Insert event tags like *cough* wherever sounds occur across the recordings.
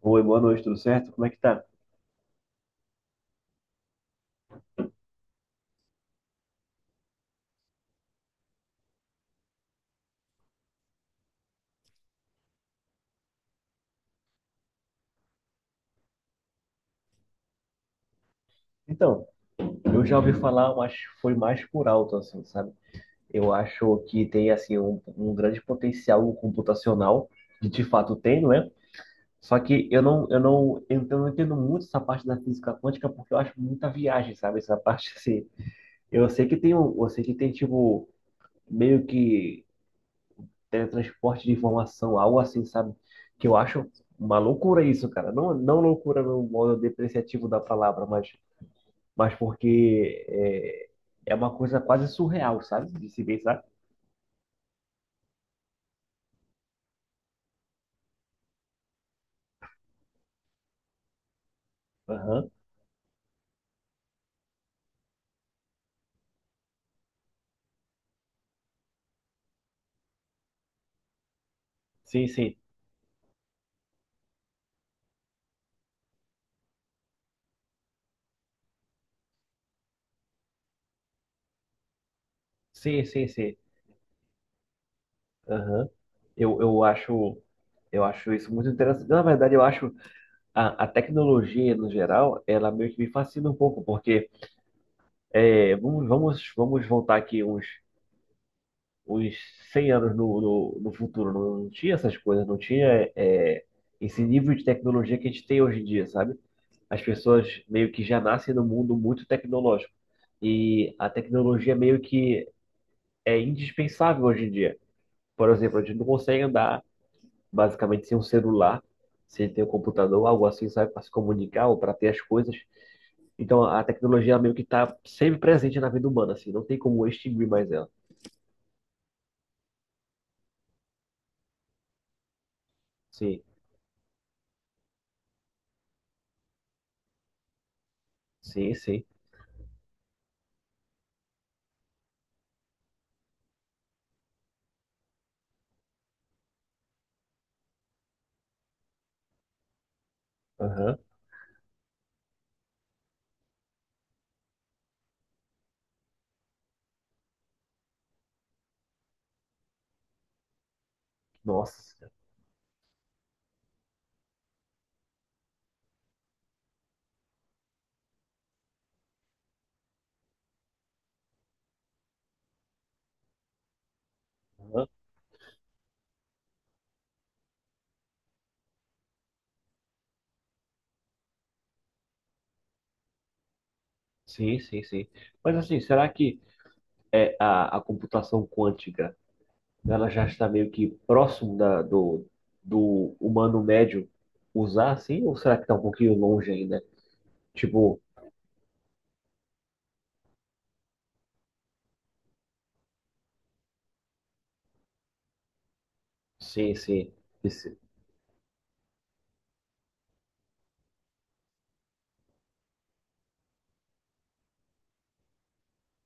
Oi, boa noite, tudo certo? Como é que tá? Então, eu já ouvi falar, mas foi mais por alto, assim, sabe? Eu acho que tem, assim, um grande potencial computacional, que de fato tem, não é? Só que eu não entendo muito essa parte da física quântica, porque eu acho muita viagem, sabe? Essa parte, *laughs* assim, eu sei que tem, tipo, meio que teletransporte de informação, algo assim, sabe? Que eu acho uma loucura isso, cara. Não, não loucura no modo depreciativo da palavra, mas porque é uma coisa quase surreal, sabe? De se ver, sabe? Aham. Sim, sim. Sim, sim, sim. Aham. Eu, eu acho, eu acho isso muito interessante. Na verdade, eu acho a tecnologia, no geral, ela meio que me fascina um pouco, porque vamos voltar aqui uns 100 anos no futuro. Não, tinha essas coisas, não tinha esse nível de tecnologia que a gente tem hoje em dia, sabe? As pessoas meio que já nascem num mundo muito tecnológico. E a tecnologia meio que é indispensável hoje em dia. Por exemplo, a gente não consegue andar basicamente sem um celular, sem ter um computador, algo assim, sabe, para se comunicar ou para ter as coisas. Então a tecnologia ela meio que está sempre presente na vida humana, assim, não tem como extinguir mais ela. Sim. Sim, sim. Aham. Nossa. Aham. Sim, sim, sim. Mas assim, será que a computação quântica, ela já está meio que próximo do humano médio usar, assim? Ou será que está um pouquinho longe ainda? Tipo, sim, sim. Esse-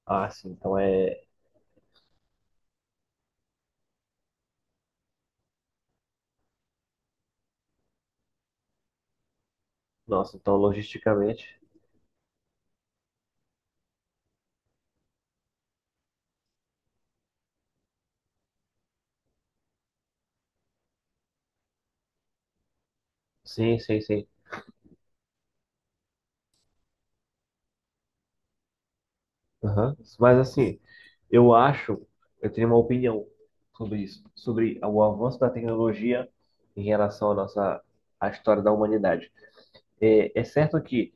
ah, sim. Então Nossa, então logisticamente. Sim, sim, sim. Aham. Mas assim, eu acho, eu tenho uma opinião sobre isso, sobre o avanço da tecnologia em relação à história da humanidade. É certo que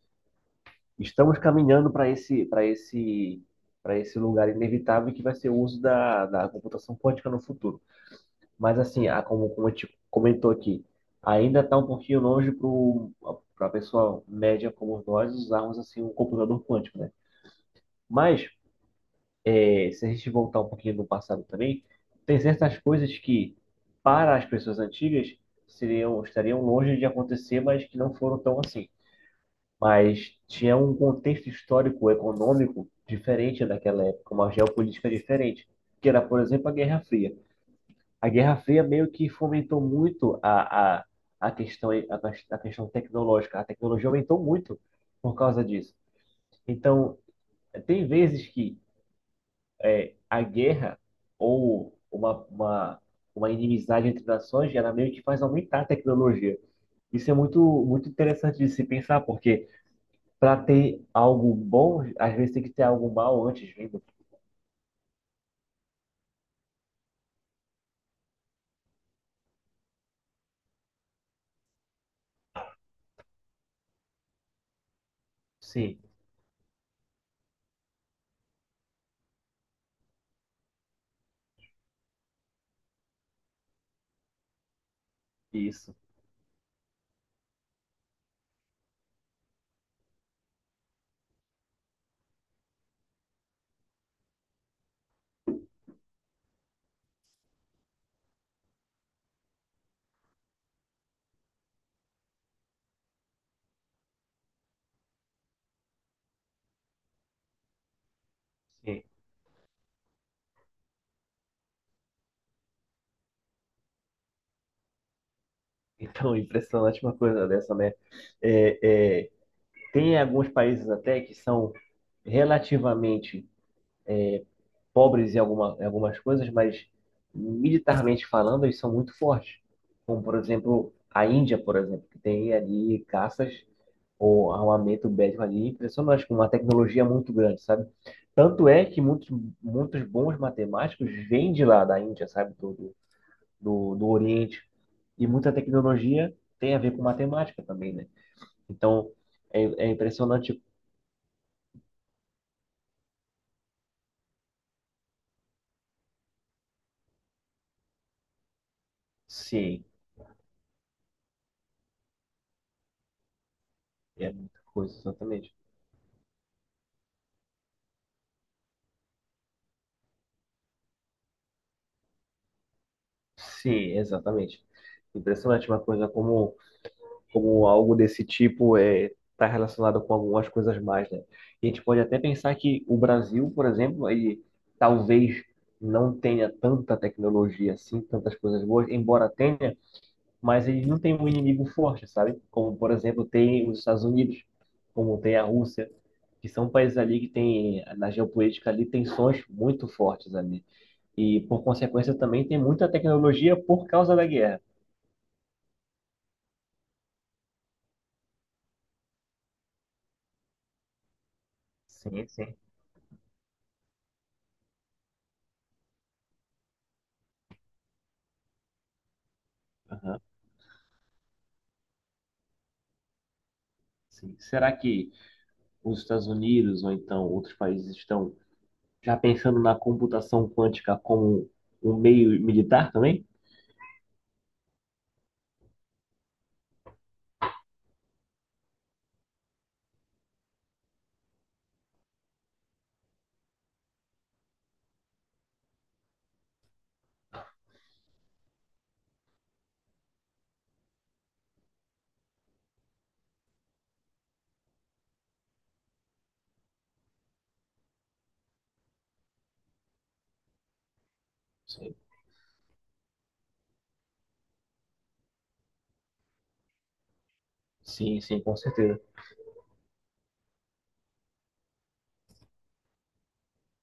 estamos caminhando para esse lugar inevitável que vai ser o uso da computação quântica no futuro. Mas assim, como a gente comentou aqui, ainda está um pouquinho longe para a pessoa média como nós usarmos assim um computador quântico, né? Mas, se a gente voltar um pouquinho no passado também, tem certas coisas que, para as pessoas antigas, estariam longe de acontecer, mas que não foram tão assim. Mas tinha um contexto histórico, econômico diferente daquela época, uma geopolítica diferente, que era, por exemplo, a Guerra Fria. A Guerra Fria meio que fomentou muito a questão tecnológica. A tecnologia aumentou muito por causa disso. Então, tem vezes que a guerra ou uma inimizade entre nações, ela meio que faz aumentar a tecnologia. Isso é muito, muito interessante de se pensar, porque para ter algo bom, às vezes tem que ter algo mal antes, lembra? Sim, isso. Sim. Então, *laughs* impressionante uma coisa dessa, né? É, tem alguns países até que são relativamente pobres em algumas coisas, mas militarmente falando, eles são muito fortes. Como, por exemplo, a Índia, por exemplo, que tem ali caças ou armamento bélico ali impressionante, com uma tecnologia muito grande, sabe? Tanto é que muitos, muitos bons matemáticos vêm de lá, da Índia, sabe? Do Oriente. E muita tecnologia tem a ver com matemática também, né? Então, é impressionante. Sim, é muita coisa, exatamente. Sim, exatamente. Impressionante uma coisa como, algo desse tipo está relacionado com algumas coisas mais, né? E a gente pode até pensar que o Brasil, por exemplo, ele talvez não tenha tanta tecnologia assim, tantas coisas boas, embora tenha, mas ele não tem um inimigo forte, sabe? Como, por exemplo, tem os Estados Unidos, como tem a Rússia, que são países ali que tem, na geopolítica ali, tensões muito fortes ali. E, por consequência, também tem muita tecnologia por causa da guerra. Sim, sim. Aham, sim. Será que os Estados Unidos ou então outros países estão já pensando na computação quântica como um meio militar também? Sim, sim, sim, com certeza.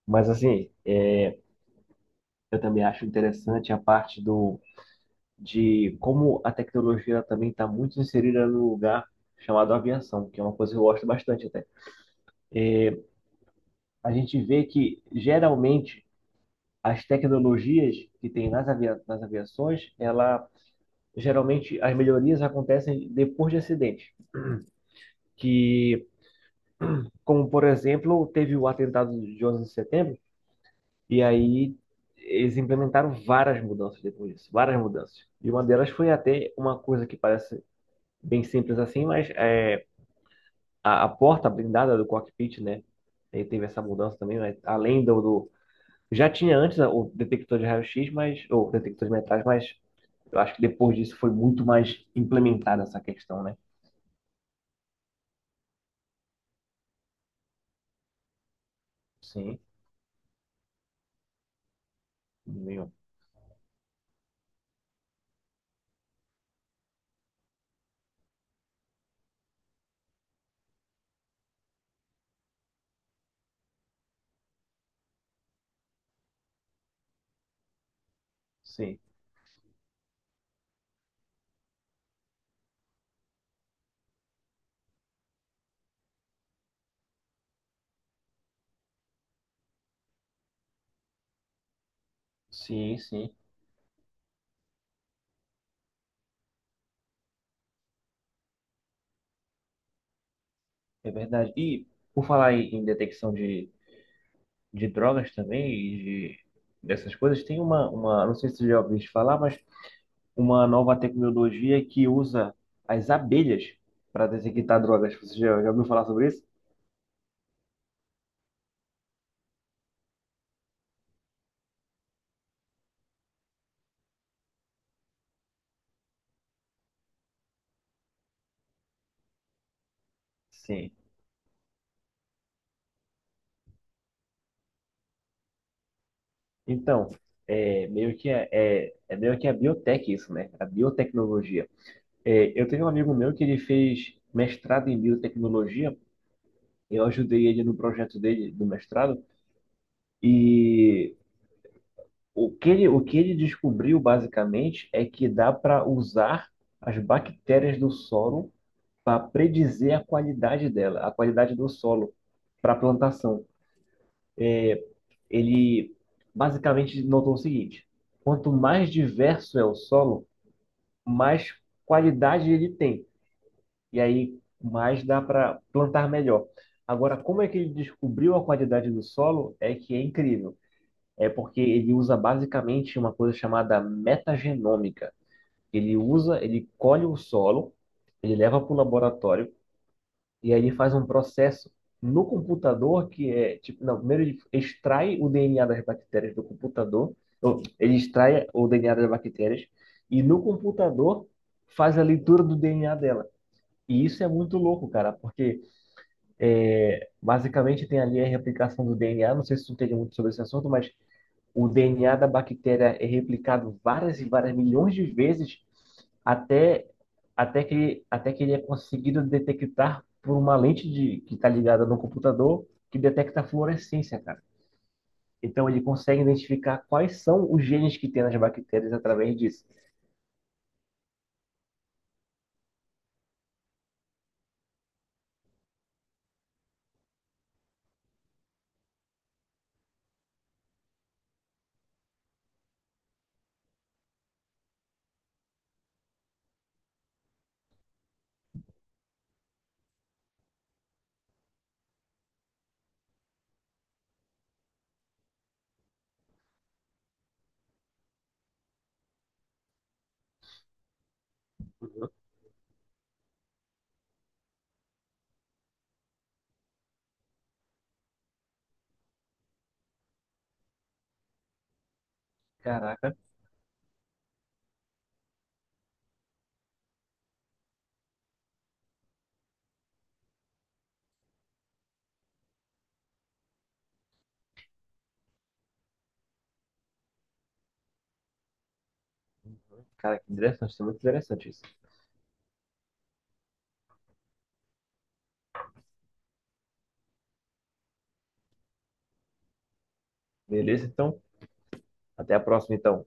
Mas assim, eu também acho interessante a parte do de como a tecnologia também está muito inserida no lugar chamado aviação, que é uma coisa que eu gosto bastante até. A gente vê que geralmente as tecnologias que tem nas aviações, ela geralmente as melhorias acontecem depois de acidente, que, como por exemplo, teve o atentado de 11 de setembro, e aí eles implementaram várias mudanças depois disso, várias mudanças. E uma delas foi até uma coisa que parece bem simples assim, mas é a porta blindada do cockpit, né? Aí teve essa mudança também, mas além do, do já tinha antes o detector de raio-x, ou detector de metais, mas eu acho que depois disso foi muito mais implementada essa questão, né? Sim, meu, sim, sim, sim, é verdade. E por falar em detecção de drogas também e de, dessas coisas, tem não sei se você já ouviu falar, mas uma nova tecnologia que usa as abelhas para detectar drogas. Você já ouviu falar sobre isso? Sim. Então, é meio que a- é, é meio que a biotech isso, né? A biotecnologia. É, eu tenho um amigo meu que ele fez mestrado em biotecnologia. Eu ajudei ele no projeto dele do mestrado, e o que ele descobriu basicamente é que dá para usar as bactérias do solo para predizer a qualidade dela, a qualidade do solo para a plantação. Ele basicamente notou o seguinte: quanto mais diverso é o solo, mais qualidade ele tem. E aí mais dá para plantar melhor. Agora, como é que ele descobriu a qualidade do solo? É que é incrível. É porque ele usa basicamente uma coisa chamada metagenômica. Ele colhe o solo, ele leva para o laboratório, e aí ele faz um processo no computador que é tipo, não, primeiro ele extrai o DNA das bactérias do computador, ou, ele extrai o DNA das bactérias e no computador faz a leitura do DNA dela. E isso é muito louco, cara, porque basicamente tem ali a replicação do DNA. Não sei se tu entende muito sobre esse assunto, mas o DNA da bactéria é replicado várias e várias milhões de vezes até, até que ele é conseguido detectar por uma lente que está ligada no computador que detecta a fluorescência, cara. Então ele consegue identificar quais são os genes que tem nas bactérias através disso. Uhum. Caraca, cara, que interessante, isso é muito interessante isso. Beleza, então, até a próxima, então.